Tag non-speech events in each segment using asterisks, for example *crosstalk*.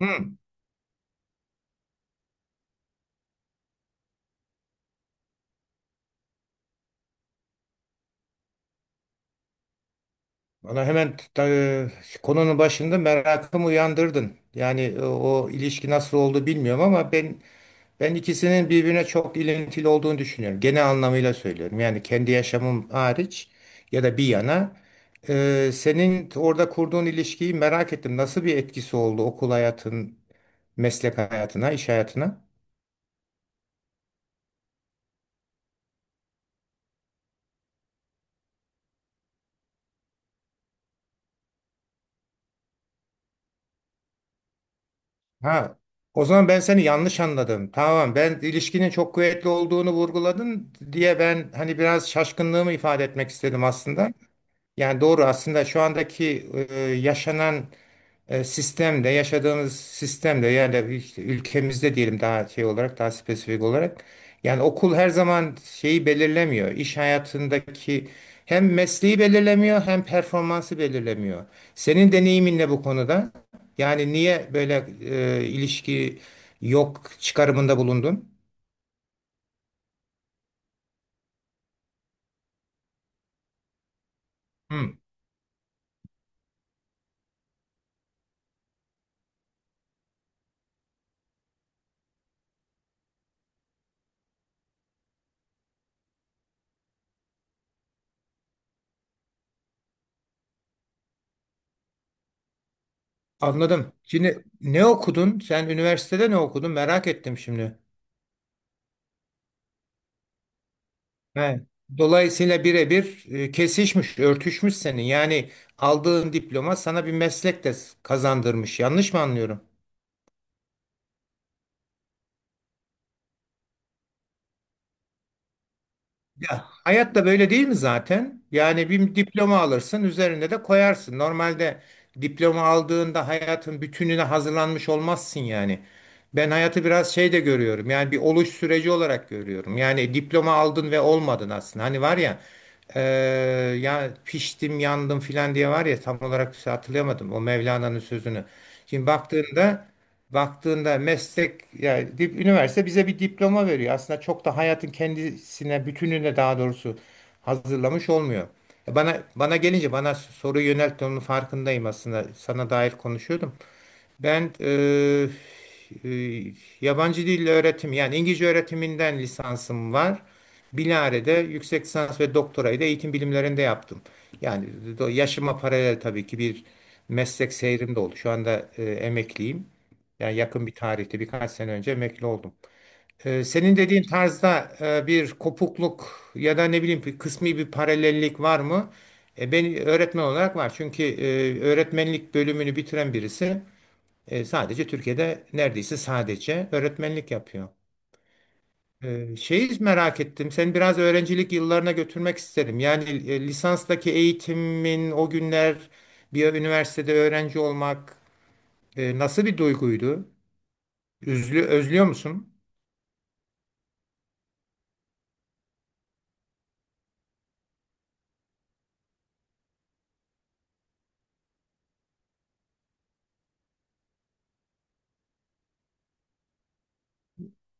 Hı. Bana hemen konunun başında merakımı uyandırdın. Yani o ilişki nasıl oldu bilmiyorum ama ben ikisinin birbirine çok ilintili olduğunu düşünüyorum. Genel anlamıyla söylüyorum. Yani kendi yaşamım hariç ya da bir yana senin orada kurduğun ilişkiyi merak ettim. Nasıl bir etkisi oldu okul hayatın, meslek hayatına, iş hayatına? Ha, o zaman ben seni yanlış anladım. Tamam, ben ilişkinin çok kuvvetli olduğunu vurguladın diye ben hani biraz şaşkınlığımı ifade etmek istedim aslında. Yani doğru aslında şu andaki yaşanan sistemde, yaşadığımız sistemde yani işte ülkemizde diyelim daha şey olarak, daha spesifik olarak yani okul her zaman şeyi belirlemiyor. İş hayatındaki hem mesleği belirlemiyor hem performansı belirlemiyor. Senin deneyimin ne bu konuda? Yani niye böyle ilişki yok çıkarımında bulundun? Hı, anladım. Şimdi ne okudun? Sen üniversitede ne okudun? Merak ettim şimdi. He. Dolayısıyla birebir kesişmiş, örtüşmüş senin. Yani aldığın diploma sana bir meslek de kazandırmış. Yanlış mı anlıyorum? Ya hayat da böyle değil mi zaten? Yani bir diploma alırsın, üzerine de koyarsın. Normalde diploma aldığında hayatın bütününe hazırlanmış olmazsın yani. Ben hayatı biraz şey de görüyorum. Yani bir oluş süreci olarak görüyorum. Yani diploma aldın ve olmadın aslında. Hani var ya eee, ya piştim yandım filan diye var ya tam olarak hatırlayamadım o Mevlana'nın sözünü. Şimdi baktığında meslek yani üniversite bize bir diploma veriyor. Aslında çok da hayatın kendisine, bütününe daha doğrusu hazırlamış olmuyor. Bana gelince bana soru yönelttiğinin farkındayım aslında. Sana dair konuşuyordum. Ben e, yabancı dil öğretim yani İngilizce öğretiminden lisansım var. Bilare'de yüksek lisans ve doktorayı da eğitim bilimlerinde yaptım. Yani yaşıma paralel tabii ki bir meslek seyrim de oldu. Şu anda emekliyim. Yani yakın bir tarihte birkaç sene önce emekli oldum. Senin dediğin tarzda bir kopukluk ya da ne bileyim bir kısmi bir paralellik var mı? Ben öğretmen olarak var. Çünkü öğretmenlik bölümünü bitiren birisi sadece Türkiye'de neredeyse sadece öğretmenlik yapıyor. Şeyi merak ettim. Seni biraz öğrencilik yıllarına götürmek isterim. Yani lisanstaki eğitimin o günler bir üniversitede öğrenci olmak nasıl bir duyguydu? Özlüyor musun?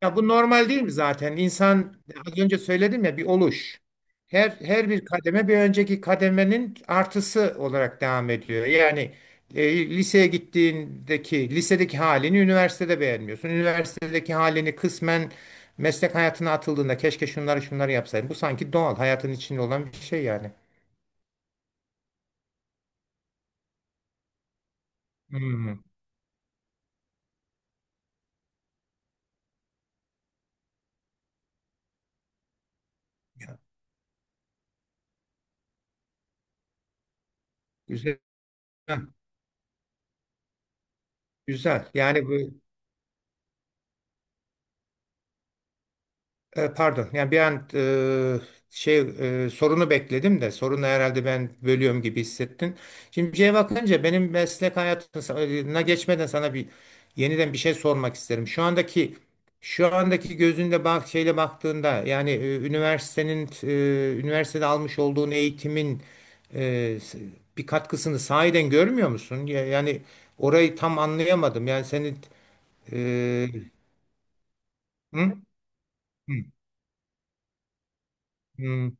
Ya bu normal değil mi zaten? İnsan az önce söyledim ya bir oluş. Her bir kademe bir önceki kademenin artısı olarak devam ediyor. Yani liseye gittiğindeki lisedeki halini üniversitede beğenmiyorsun. Üniversitedeki halini kısmen meslek hayatına atıldığında keşke şunları şunları yapsaydım. Bu sanki doğal hayatın içinde olan bir şey yani. Hmm. Güzel. Güzel. Pardon. Yani bir an şey sorunu bekledim de sorunu herhalde ben bölüyorum gibi hissettin. Şimdi şeye bakınca benim meslek hayatına geçmeden sana bir yeniden bir şey sormak isterim. Şu andaki gözünde bak şeyle baktığında yani üniversitede almış olduğun eğitimin e, bir katkısını sahiden görmüyor musun? Yani orayı tam anlayamadım. Yani senin e, hı? Hı, hı,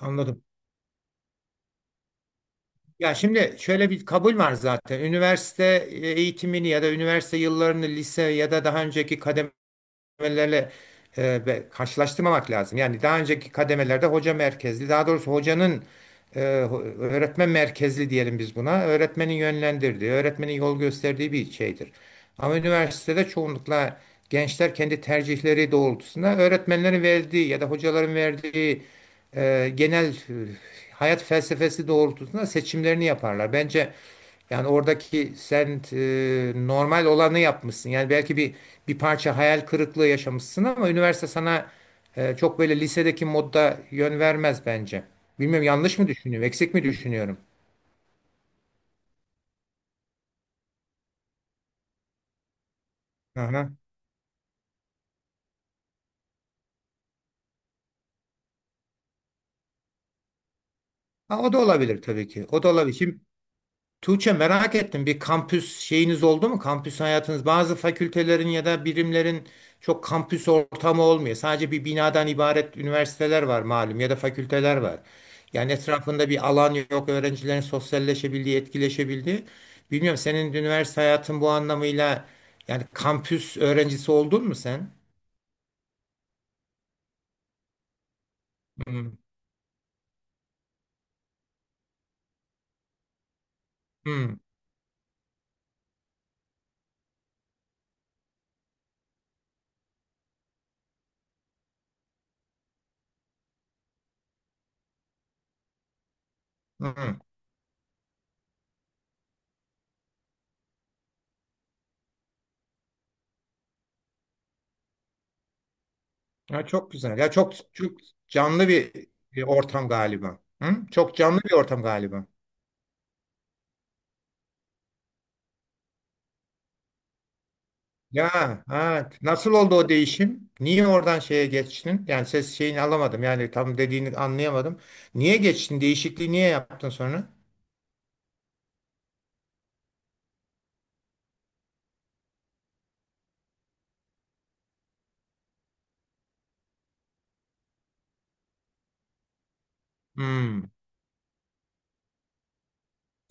anladım. Ya şimdi şöyle bir kabul var zaten. Üniversite eğitimini ya da üniversite yıllarını lise ya da daha önceki kademelerle karşılaştırmamak lazım. Yani daha önceki kademelerde hoca merkezli, daha doğrusu öğretmen merkezli diyelim biz buna. Öğretmenin yönlendirdiği, öğretmenin yol gösterdiği bir şeydir. Ama üniversitede çoğunlukla gençler kendi tercihleri doğrultusunda öğretmenlerin verdiği ya da hocaların verdiği genel hayat felsefesi doğrultusunda seçimlerini yaparlar. Bence yani oradaki sen normal olanı yapmışsın. Yani belki bir parça hayal kırıklığı yaşamışsın ama üniversite sana çok böyle lisedeki modda yön vermez bence. Bilmiyorum yanlış mı düşünüyorum, eksik mi düşünüyorum? Aha. Ha, o da olabilir tabii ki. O da olabilir. Şimdi Tuğçe merak ettim bir kampüs şeyiniz oldu mu? Kampüs hayatınız bazı fakültelerin ya da birimlerin çok kampüs ortamı olmuyor. Sadece bir binadan ibaret üniversiteler var malum ya da fakülteler var. Yani etrafında bir alan yok öğrencilerin sosyalleşebildiği, etkileşebildiği. Bilmiyorum senin üniversite hayatın bu anlamıyla yani kampüs öğrencisi oldun mu sen? Hmm, hmm, hmm. Ya çok güzel. Ya çok çok canlı bir ortam galiba. Hı? Çok canlı bir ortam galiba. Ya ha, nasıl oldu o değişim? Niye oradan şeye geçtin? Yani ses şeyini alamadım. Yani tam dediğini anlayamadım. Niye geçtin? Değişikliği niye yaptın sonra? Hmm.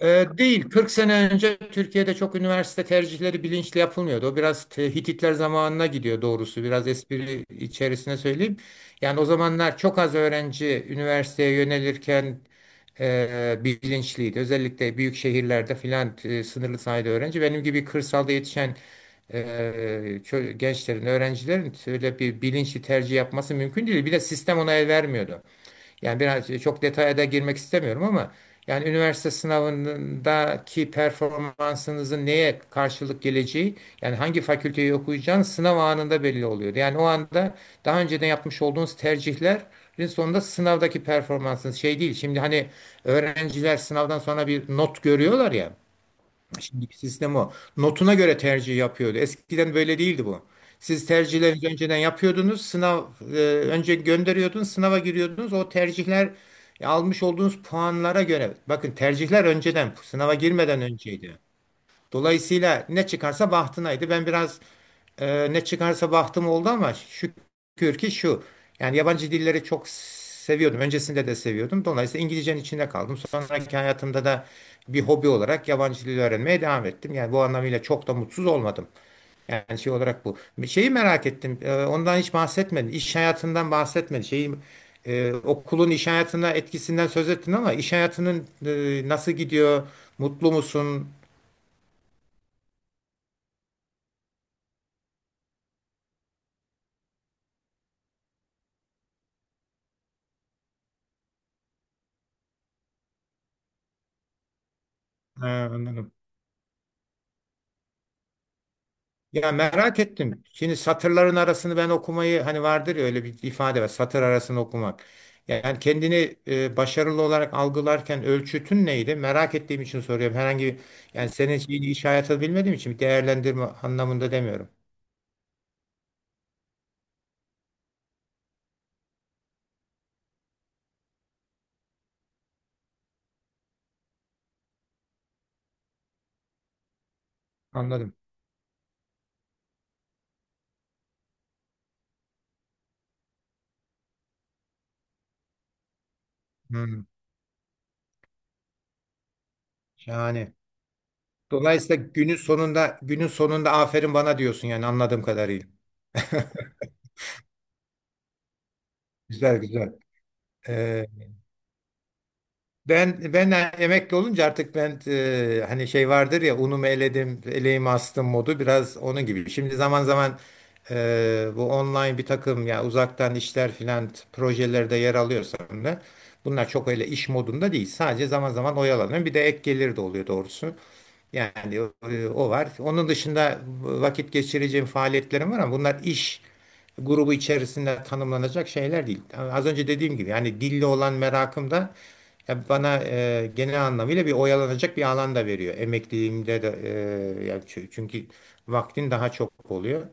Değil. 40 sene önce Türkiye'de çok üniversite tercihleri bilinçli yapılmıyordu. O biraz Hititler zamanına gidiyor doğrusu. Biraz espri içerisine söyleyeyim. Yani o zamanlar çok az öğrenci üniversiteye yönelirken bilinçliydi. Özellikle büyük şehirlerde filan sınırlı sayıda öğrenci. Benim gibi kırsalda yetişen e, gençlerin, öğrencilerin öyle bir bilinçli tercih yapması mümkün değil. Bir de sistem ona el vermiyordu. Yani biraz çok detaya da girmek istemiyorum ama yani üniversite sınavındaki performansınızın neye karşılık geleceği yani hangi fakülteyi okuyacağınız sınav anında belli oluyordu. Yani o anda daha önceden yapmış olduğunuz tercihlerin sonunda sınavdaki performansınız şey değil. Şimdi hani öğrenciler sınavdan sonra bir not görüyorlar ya. Şimdiki sistem o. Notuna göre tercih yapıyordu. Eskiden böyle değildi bu. Siz tercihlerinizi önceden yapıyordunuz. Sınav e, önce gönderiyordunuz, sınava giriyordunuz. O tercihler almış olduğunuz puanlara göre. Bakın tercihler önceden, sınava girmeden önceydi. Dolayısıyla ne çıkarsa bahtınaydı. Ben biraz ne çıkarsa bahtım oldu ama şükür ki şu. Yani yabancı dilleri çok seviyordum. Öncesinde de seviyordum. Dolayısıyla İngilizcenin içinde kaldım. Sonraki hayatımda da bir hobi olarak yabancı dil öğrenmeye devam ettim. Yani bu anlamıyla çok da mutsuz olmadım. Yani şey olarak bu. Bir şeyi merak ettim. Ondan hiç bahsetmedin. İş hayatından bahsetmedin. Şeyi, okulun iş hayatına etkisinden söz ettin ama iş hayatının nasıl gidiyor? Mutlu musun? Ha, anladım. Ya merak ettim. Şimdi satırların arasını ben okumayı hani vardır ya öyle bir ifade var. Satır arasını okumak. Yani kendini başarılı olarak algılarken ölçütün neydi? Merak ettiğim için soruyorum. Herhangi bir yani senin şeyini iş hayatı bilmediğim için değerlendirme anlamında demiyorum. Anladım. Hmm. Yani dolayısıyla günün sonunda aferin bana diyorsun yani anladığım kadarıyla. *laughs* Güzel güzel. Ee, ben emekli olunca artık ben hani şey vardır ya unumu eledim, eleğimi astım modu biraz onun gibi. Şimdi zaman zaman bu online bir takım ya uzaktan işler filan projelerde yer alıyorsam da bunlar çok öyle iş modunda değil. Sadece zaman zaman oyalanıyorum. Bir de ek gelir de oluyor doğrusu. Yani o var. Onun dışında vakit geçireceğim faaliyetlerim var ama bunlar iş grubu içerisinde tanımlanacak şeyler değil. Yani az önce dediğim gibi yani dille olan merakım da ya bana genel anlamıyla bir oyalanacak bir alan da veriyor. Emekliliğimde de yani çünkü vaktin daha çok oluyor.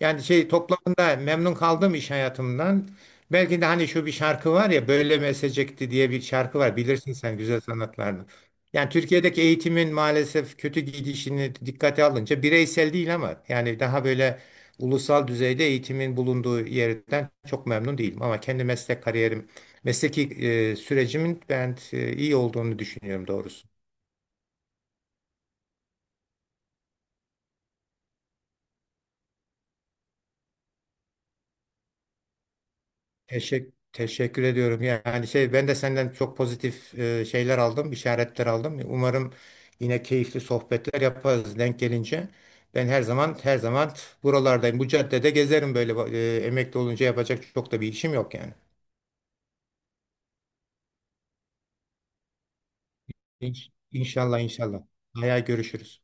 Yani şey toplamında memnun kaldım iş hayatımdan. Belki de hani şu bir şarkı var ya böyle mi esecekti diye bir şarkı var. Bilirsin sen güzel sanatlarını. Yani Türkiye'deki eğitimin maalesef kötü gidişini dikkate alınca bireysel değil ama yani daha böyle ulusal düzeyde eğitimin bulunduğu yerden çok memnun değilim. Ama kendi meslek kariyerim, mesleki sürecimin ben iyi olduğunu düşünüyorum doğrusu. Teşekkür ediyorum. Yani şey ben de senden çok pozitif şeyler aldım, işaretler aldım. Umarım yine keyifli sohbetler yaparız denk gelince. Ben her zaman her zaman buralardayım. Bu caddede gezerim böyle emekli olunca yapacak çok da bir işim yok yani. İnşallah inşallah. Hayal görüşürüz.